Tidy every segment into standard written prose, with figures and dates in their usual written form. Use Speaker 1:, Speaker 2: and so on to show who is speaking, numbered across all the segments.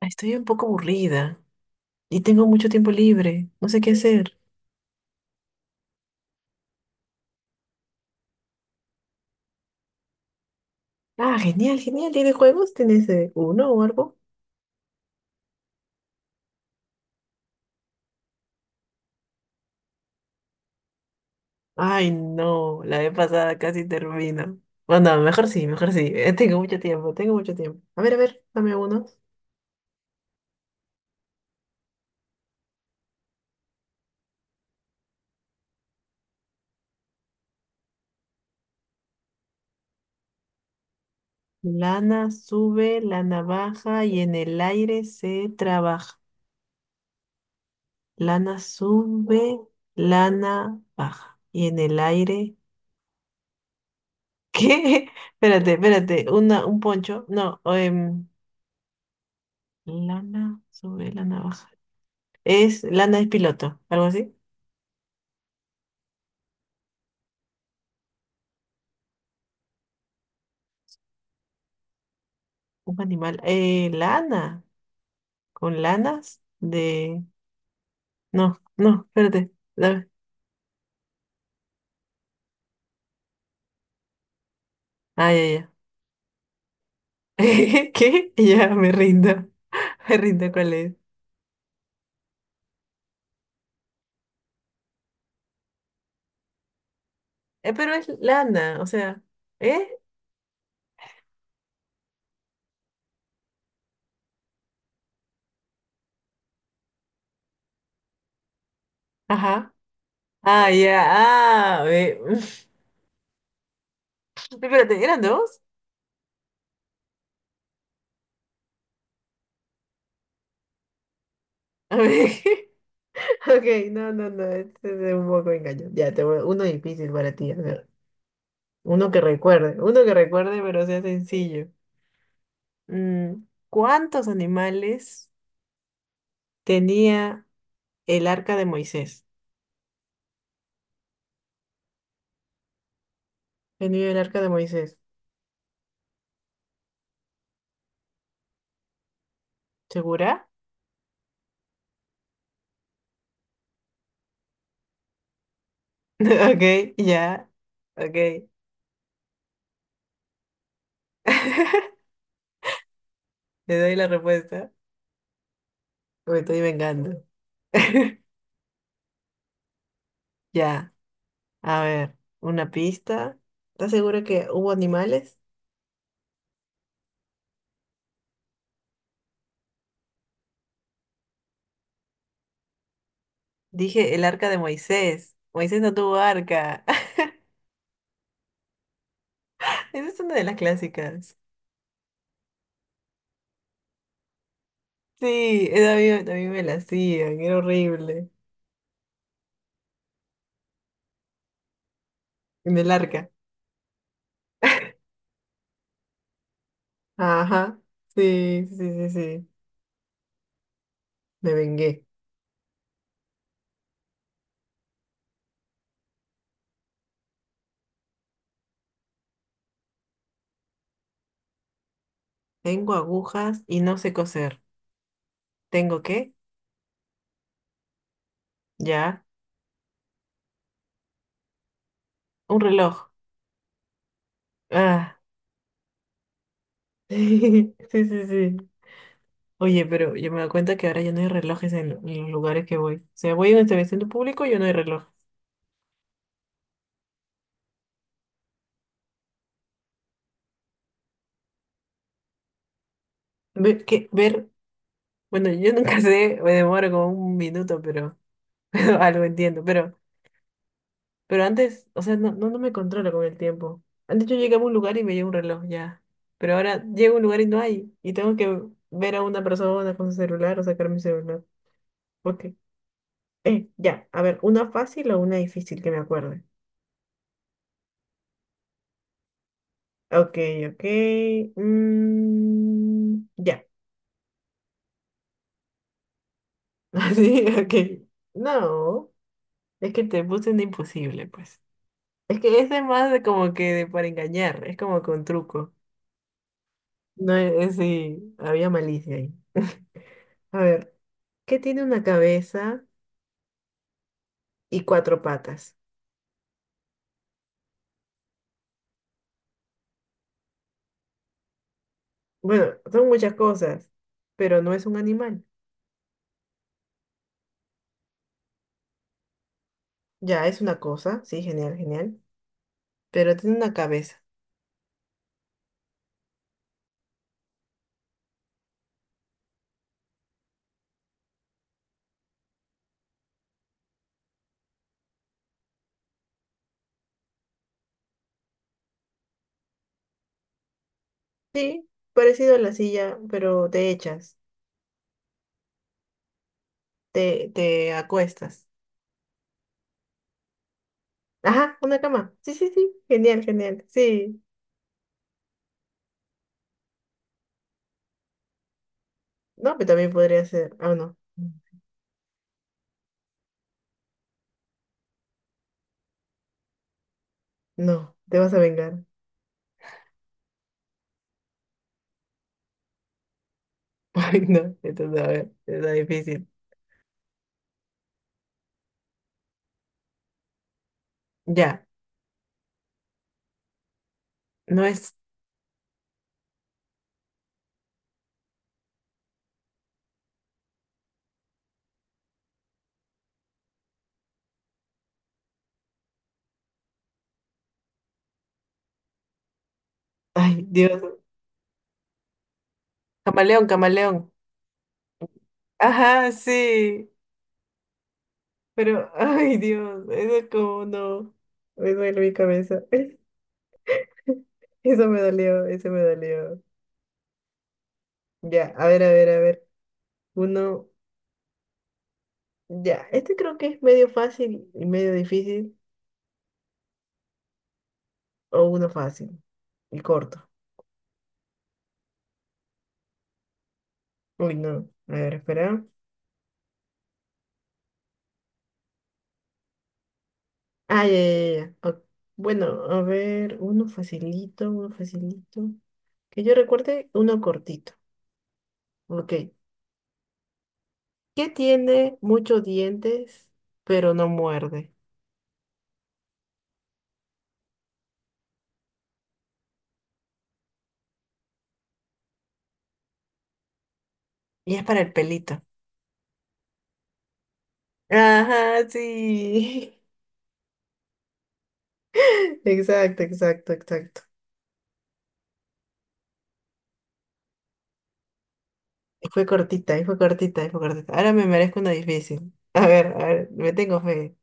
Speaker 1: Estoy un poco aburrida y tengo mucho tiempo libre. No sé qué hacer. Ah, genial, genial. ¿Tienes juegos? ¿Tienes uno o algo? Ay, no. La vez pasada casi termino. Bueno, mejor sí, mejor sí. Tengo mucho tiempo, tengo mucho tiempo. A ver, dame uno. Lana sube, lana baja y en el aire se trabaja. Lana sube, lana baja y en el aire... ¿Qué? Espérate, espérate. Una, un poncho. No, lana sobre la navaja. Es lana, es piloto, algo así. Un animal. Lana. Con lanas de. No, no, espérate. Dame. Ah, ya, ya. ¿Qué? Ya me rindo. Me rindo, cuál es. Pero es lana, o sea. ¿Eh? Ajá. Ah, ya. Ah, ve. Espérate, ¿eran dos? A ver. Ok, no, no, no. Este es un poco engaño. Ya, uno difícil para ti. A ver. Uno que recuerde, pero sea sencillo. Mm, ¿Cuántos animales tenía el arca de Moisés? Tenía el arca de Moisés. ¿Segura? Ok, ya. Ok. Le doy la respuesta. Me estoy vengando. Ya. A ver, una pista. ¿Estás segura que hubo animales? Dije el arca de Moisés. Moisés no tuvo arca. Esa es una de las clásicas. Sí, esa a mí me la hacían, era horrible. En el arca. Ajá. Sí, sí, sí, sí. Me vengué. Tengo agujas y no sé coser. ¿Tengo qué? Ya. Un reloj. Ah. Sí, sí, sí. Oye, pero yo me doy cuenta que ahora ya no hay relojes en los lugares que voy. O sea, voy a un establecimiento público y ya no hay reloj. Ver, ¿qué? Ver. Bueno, yo nunca sé, me demoro como un minuto, pero, pero algo entiendo. Pero antes, o sea, no, no, no me controlo con el tiempo. Antes yo llegaba a un lugar y me llevo un reloj ya. Pero ahora llego a un lugar y no hay. Y tengo que ver a una persona con su celular o sacar mi celular. Ok. Ya. A ver, una fácil o una difícil que me acuerde. Ok, ok. Ya. Así, ok. No. Es que te puse un imposible, pues. Es que ese es más de como que de para engañar. Es como con truco. No es, es- sí, había malicia ahí. A ver. Que tiene una cabeza y cuatro patas. Bueno, son muchas cosas, pero no es un animal. Ya, es una cosa, sí, genial, genial. Pero tiene una cabeza. Sí, parecido a la silla, pero te echas, te acuestas. Ajá, una cama. Sí, sí, sí, genial, genial. Sí. No, pero también podría ser. Ah, no. No, te vas a vengar. Ay, no, entonces, a ver, está difícil. Ya, no es. Ay, Dios. Camaleón, camaleón. Ajá, sí. Pero, ay Dios, eso es como no. Me duele mi cabeza. Eso me dolió, eso me dolió. Ya, a ver, a ver, a ver. Uno, ya, este creo que es medio fácil y medio difícil, o uno fácil y corto. Uy, no, a ver, espera. Ah, ya, ya, ya. Ya. Ok, bueno, a ver, uno facilito, uno facilito. Que yo recuerde, uno cortito. Ok. ¿Qué tiene muchos dientes, pero no muerde? Y es para el pelito. Ajá, sí. Exacto, exacto, exacto. Y fue cortita, y fue cortita, y fue cortita. Ahora me merezco una difícil. A ver, me tengo fe.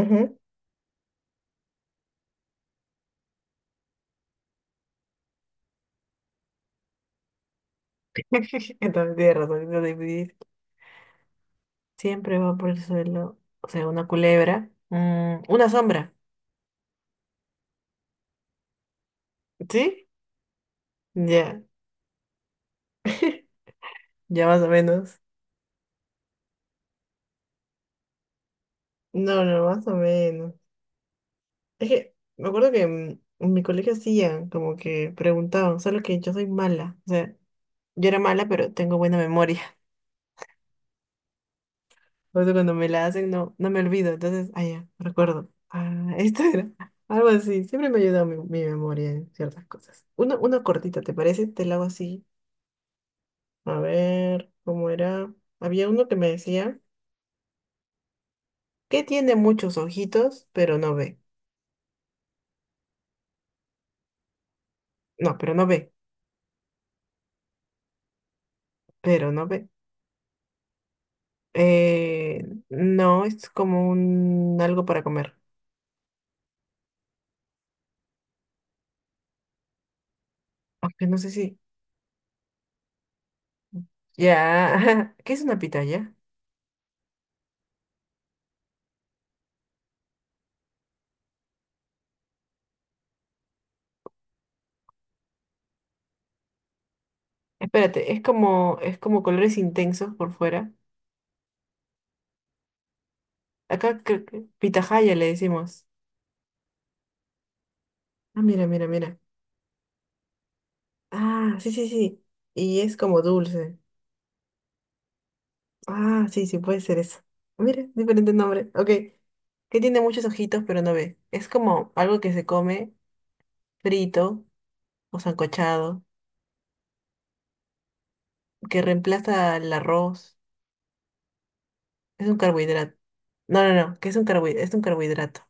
Speaker 1: Ujú. Entonces tienes razón, una difícil. Siempre va por el suelo. O sea, una culebra. Una sombra. ¿Sí? Ya, ya más o menos. No, no, más o menos. Es que me acuerdo que en mi colegio hacían como que preguntaban, solo que yo soy mala. O sea, yo era mala, pero tengo buena memoria. Por eso cuando me la hacen no, no me olvido. Entonces, ah, ya, recuerdo. Ah, esto era algo así. Siempre me ayuda mi, mi memoria en ciertas cosas. Una cortita, ¿te parece? Te la hago así. A ver, ¿cómo era? Había uno que me decía que tiene muchos ojitos, pero no ve. No, pero no ve. Pero no ve. No, es como un algo para comer. Aunque no sé si. Ya. ¿Qué es una pitaya? Espérate, es como colores intensos por fuera. Acá creo que pitahaya le decimos. Ah, mira, mira, mira. Ah, sí, sí, sí. Y es como dulce. Ah, sí, sí, puede ser eso. Mira, diferente nombre. Ok. Que tiene muchos ojitos, pero no ve. Es como algo que se come frito o sancochado, que reemplaza el arroz. Es un carbohidrato. No, no, no, que es un carbohidrato. Es un carbohidrato.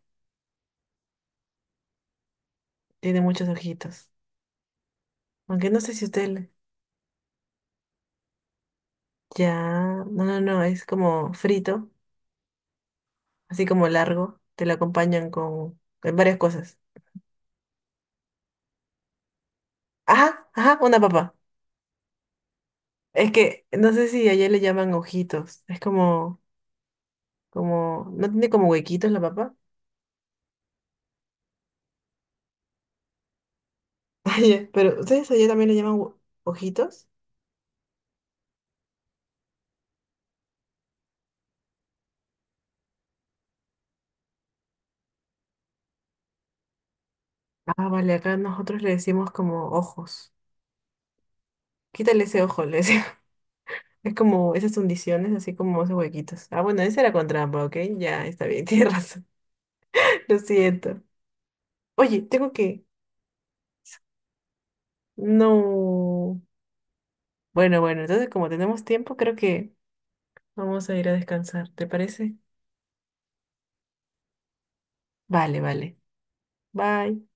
Speaker 1: Tiene muchos ojitos. Aunque no sé si usted... le- Ya, no, no, no, es como frito así como largo, te lo acompañan con varias cosas. Ajá, ajá, una papa. Es que no sé si allá le llaman ojitos. Es como, como, no tiene como huequitos la papa. Allá, pero ustedes allá también le llaman hue- ojitos. Ah, vale, acá nosotros le decimos como ojos. Quítale ese ojo, le decimos. Es como esas hundiciones, así como esos huequitos. Ah, bueno, ese era con trampa, ¿ok? Ya, está bien, tienes razón. Lo siento. Oye, tengo que... No. Bueno, bueno, entonces como tenemos tiempo, creo que vamos a ir a descansar, ¿te parece? Vale, vale. Bye.